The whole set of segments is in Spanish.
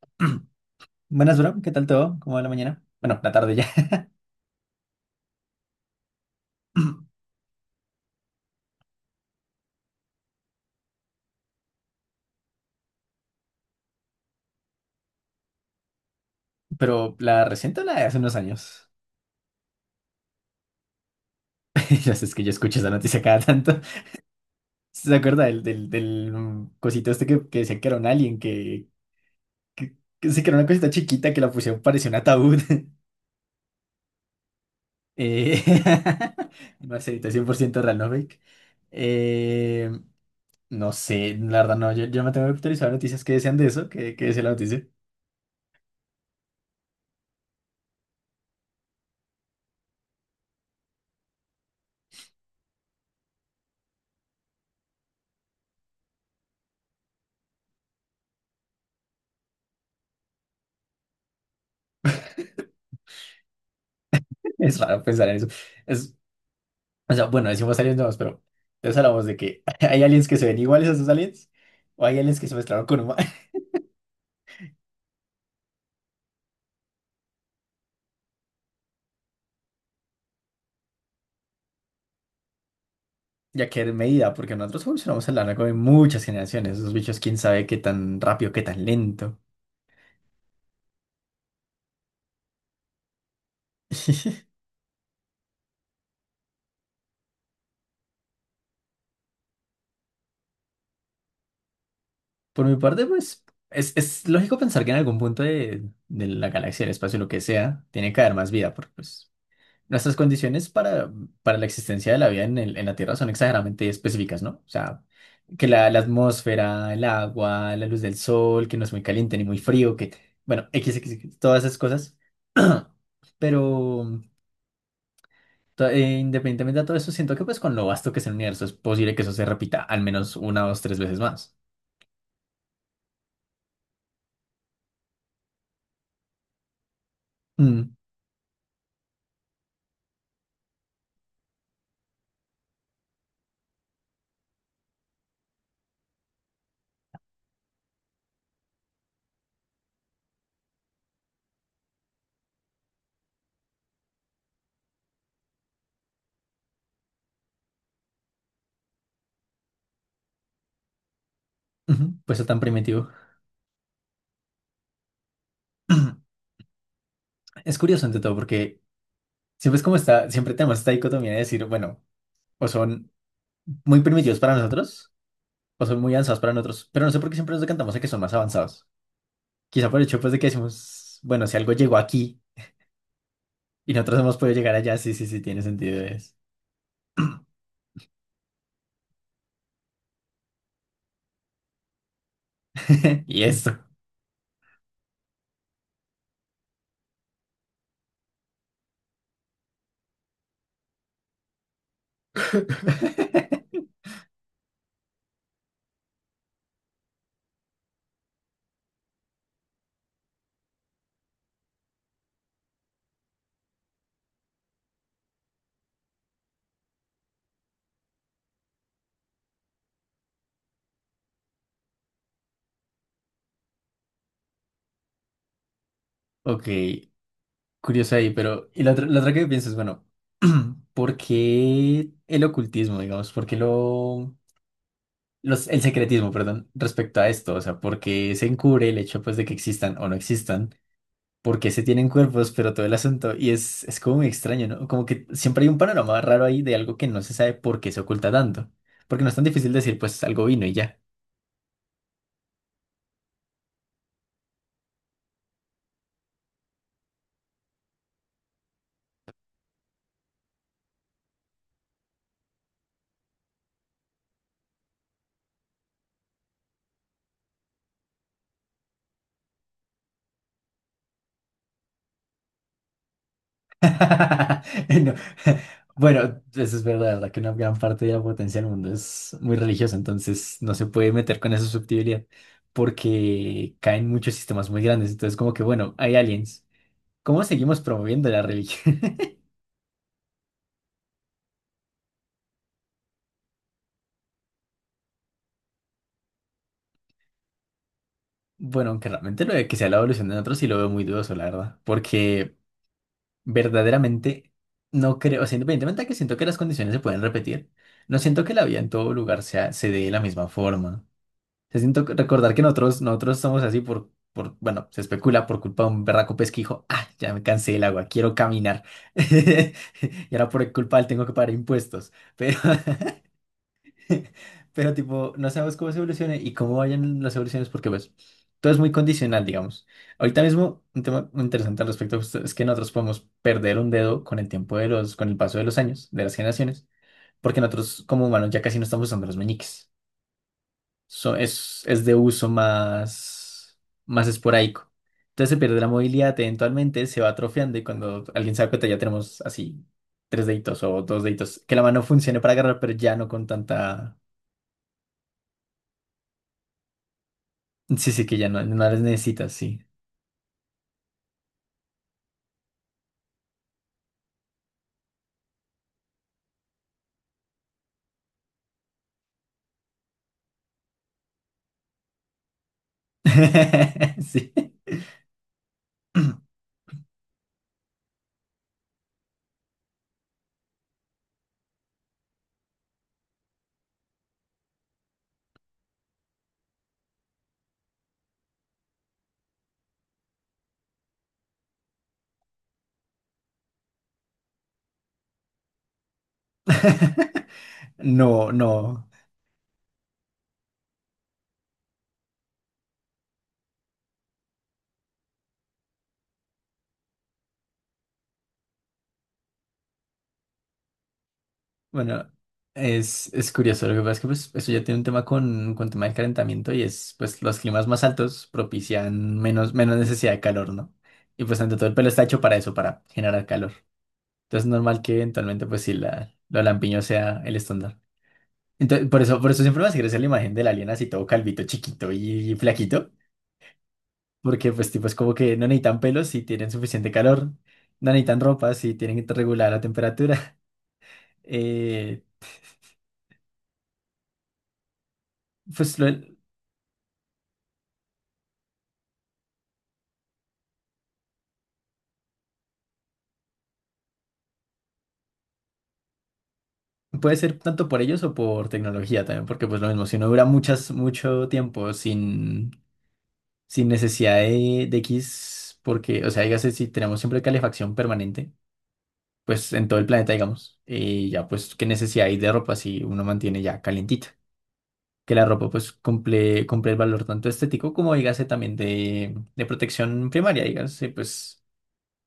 Buenas, bro. ¿Qué tal todo? ¿Cómo va la mañana? Bueno, la tarde ya. Pero la reciente o la de hace unos años. Ya sabes que yo escucho esa noticia cada tanto. ¿Sí? ¿Se acuerda del cosito este que decía que era un alien? Que sí, que era una cosita chiquita que la pusieron, parecía un ataúd. Eh, Marcelita, 100% real, no fake. Eh, no sé, la verdad no. Yo me tengo que actualizar noticias que decían de eso, que decía la noticia. Es raro pensar en eso. Es, O sea, bueno, decimos aliens nuevos, pero entonces hablamos de que hay aliens que se ven iguales a esos aliens o hay aliens que se mezclaron con humanos. Ya que en medida, porque nosotros evolucionamos a lo largo de muchas generaciones. Esos bichos, quién sabe qué tan rápido, qué tan lento. Por mi parte, pues es lógico pensar que en algún punto de la galaxia, el espacio, lo que sea, tiene que haber más vida porque pues nuestras condiciones para la existencia de la vida en la Tierra son exageradamente específicas, ¿no? O sea, que la atmósfera, el agua, la luz del sol, que no es muy caliente ni muy frío, que bueno, X, X, X, todas esas cosas. Pero independientemente de todo eso, siento que pues con lo vasto que es el universo es posible que eso se repita al menos una, dos, tres veces más. Mm, ujú. Pues eso tan primitivo. Es curioso ante todo porque siempre es como está, siempre tenemos esta dicotomía de decir, bueno, o son muy primitivos para nosotros, o son muy avanzados para nosotros, pero no sé por qué siempre nos decantamos a que son más avanzados. Quizá por el hecho pues de que decimos, bueno, si algo llegó aquí y nosotros hemos podido llegar allá, sí, sí, sí, tiene sentido es. Y esto. Ok, curioso ahí, pero y la otra que pienso es, bueno, ¿por qué el ocultismo, digamos? ¿Por qué el secretismo, perdón, respecto a esto? O sea, ¿por qué se encubre el hecho pues de que existan o no existan? Porque se tienen cuerpos, pero todo el asunto. Y es como muy extraño, ¿no? Como que siempre hay un panorama raro ahí de algo que no se sabe por qué se oculta tanto. Porque no es tan difícil decir, pues algo vino y ya. No. Bueno, eso es verdad, verdad que una gran parte de la potencia del mundo es muy religiosa, entonces no se puede meter con esa susceptibilidad porque caen muchos sistemas muy grandes. Entonces, como que bueno, hay aliens. ¿Cómo seguimos promoviendo la religión? Bueno, aunque realmente lo de que sea la evolución de nosotros sí lo veo muy dudoso, la verdad. Porque verdaderamente no creo, o sea, independientemente de que siento que las condiciones se pueden repetir, no siento que la vida en todo lugar sea, se dé de la misma forma, ¿no? O sea, siento que recordar que nosotros somos así por, bueno, se especula por culpa de un berraco pesquijo. Ah, ya me cansé del agua, quiero caminar. Y ahora por culpa de él tengo que pagar impuestos. Pero, pero tipo, no sabemos cómo se evolucione y cómo vayan las evoluciones porque pues todo es muy condicional, digamos. Ahorita mismo un tema muy interesante al respecto justo es que nosotros podemos perder un dedo con el tiempo con el paso de los años, de las generaciones, porque nosotros como humanos ya casi no estamos usando los meñiques. Es de uso más, más esporádico. Entonces se pierde la movilidad, eventualmente se va atrofiando y cuando alguien se da cuenta ya tenemos así tres deditos o dos deditos, que la mano funcione para agarrar, pero ya no con tanta. Sí, sí, que ya no, no las necesitas, sí. Sí. No, no. Bueno, es curioso. Lo que pasa es que pues eso ya tiene un tema con tema del calentamiento y es, pues, los climas más altos propician menos, menos necesidad de calor, ¿no? Y pues, ante todo, el pelo está hecho para eso, para generar calor. Entonces, es normal que eventualmente, pues, sí, lo lampiño sea el estándar. Entonces, por eso siempre me hace gracia la imagen del alien así todo calvito, chiquito y flaquito. Porque pues tipo es como que no necesitan pelos si tienen suficiente calor, no necesitan ropa si tienen regulada la temperatura. Eh, pues puede ser tanto por ellos o por tecnología también, porque pues lo mismo, si uno dura mucho tiempo sin, sin necesidad de X, porque, o sea, dígase, si tenemos siempre calefacción permanente, pues en todo el planeta, digamos, y ya pues qué necesidad hay de ropa si uno mantiene ya calientita. Que la ropa pues cumple, cumple el valor tanto estético como dígase también de protección primaria, dígase pues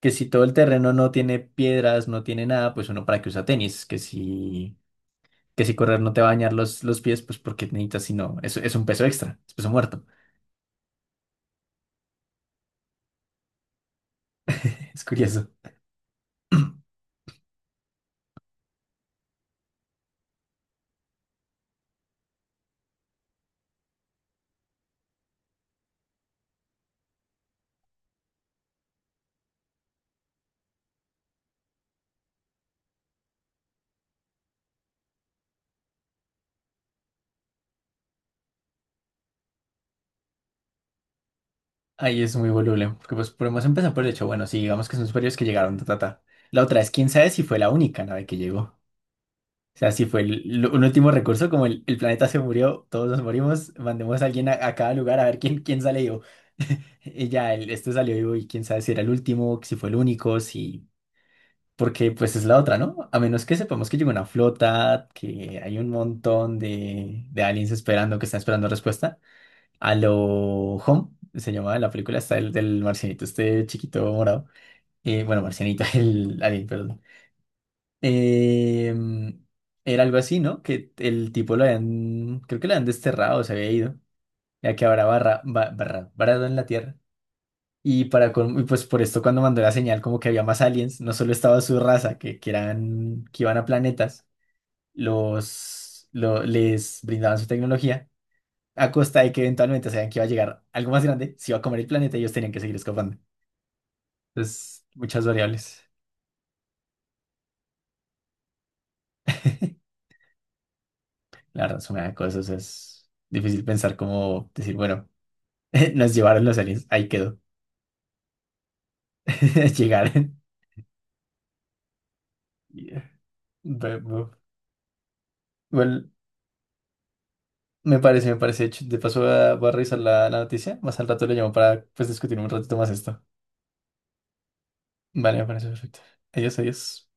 que si todo el terreno no tiene piedras, no tiene nada, pues uno para qué usa tenis, que si correr no te va a dañar los pies, pues porque necesitas, si no, es un peso extra, es peso muerto. Es curioso. Ahí es muy voluble, porque pues podemos empezar por el hecho, bueno, si digamos que son superiores que llegaron, ta, ta, ta. La otra es, quién sabe si fue la única nave que llegó. O sea, si fue un último recurso, como el planeta se murió, todos nos morimos, mandemos a alguien a cada lugar a ver quién, quién sale vivo. Y ya, este salió vivo y quién sabe si era el último, si fue el único, si... Porque pues es la otra, ¿no? A menos que sepamos que llegó una flota, que hay un montón de aliens esperando, que están esperando respuesta a lo Home, se llamaba la película, está el del marcianito, este chiquito morado. Bueno, marcianito, el alien, perdón. Eh, era algo así, ¿no? Que el tipo lo habían, creo que lo habían desterrado, se había ido, ya que habrá barra, varado en la Tierra. Y, y pues por esto cuando mandó la señal como que había más aliens, no solo estaba su raza, que eran, que iban a planetas, les brindaban su tecnología a costa de que eventualmente sabían que iba a llegar algo más grande, se iba a comer el planeta y ellos tenían que seguir escapando. Entonces, muchas variables. La verdad, suma de cosas es difícil pensar cómo decir, bueno, nos llevaron los aliens, ahí quedó. Llegaron. Yeah. Ve- bu- Igual, me parece, me parece. De hecho, de paso, voy a, voy a revisar la, la noticia. Más al rato le llamo para pues, discutir un ratito más esto. Vale, me parece perfecto. Adiós, adiós.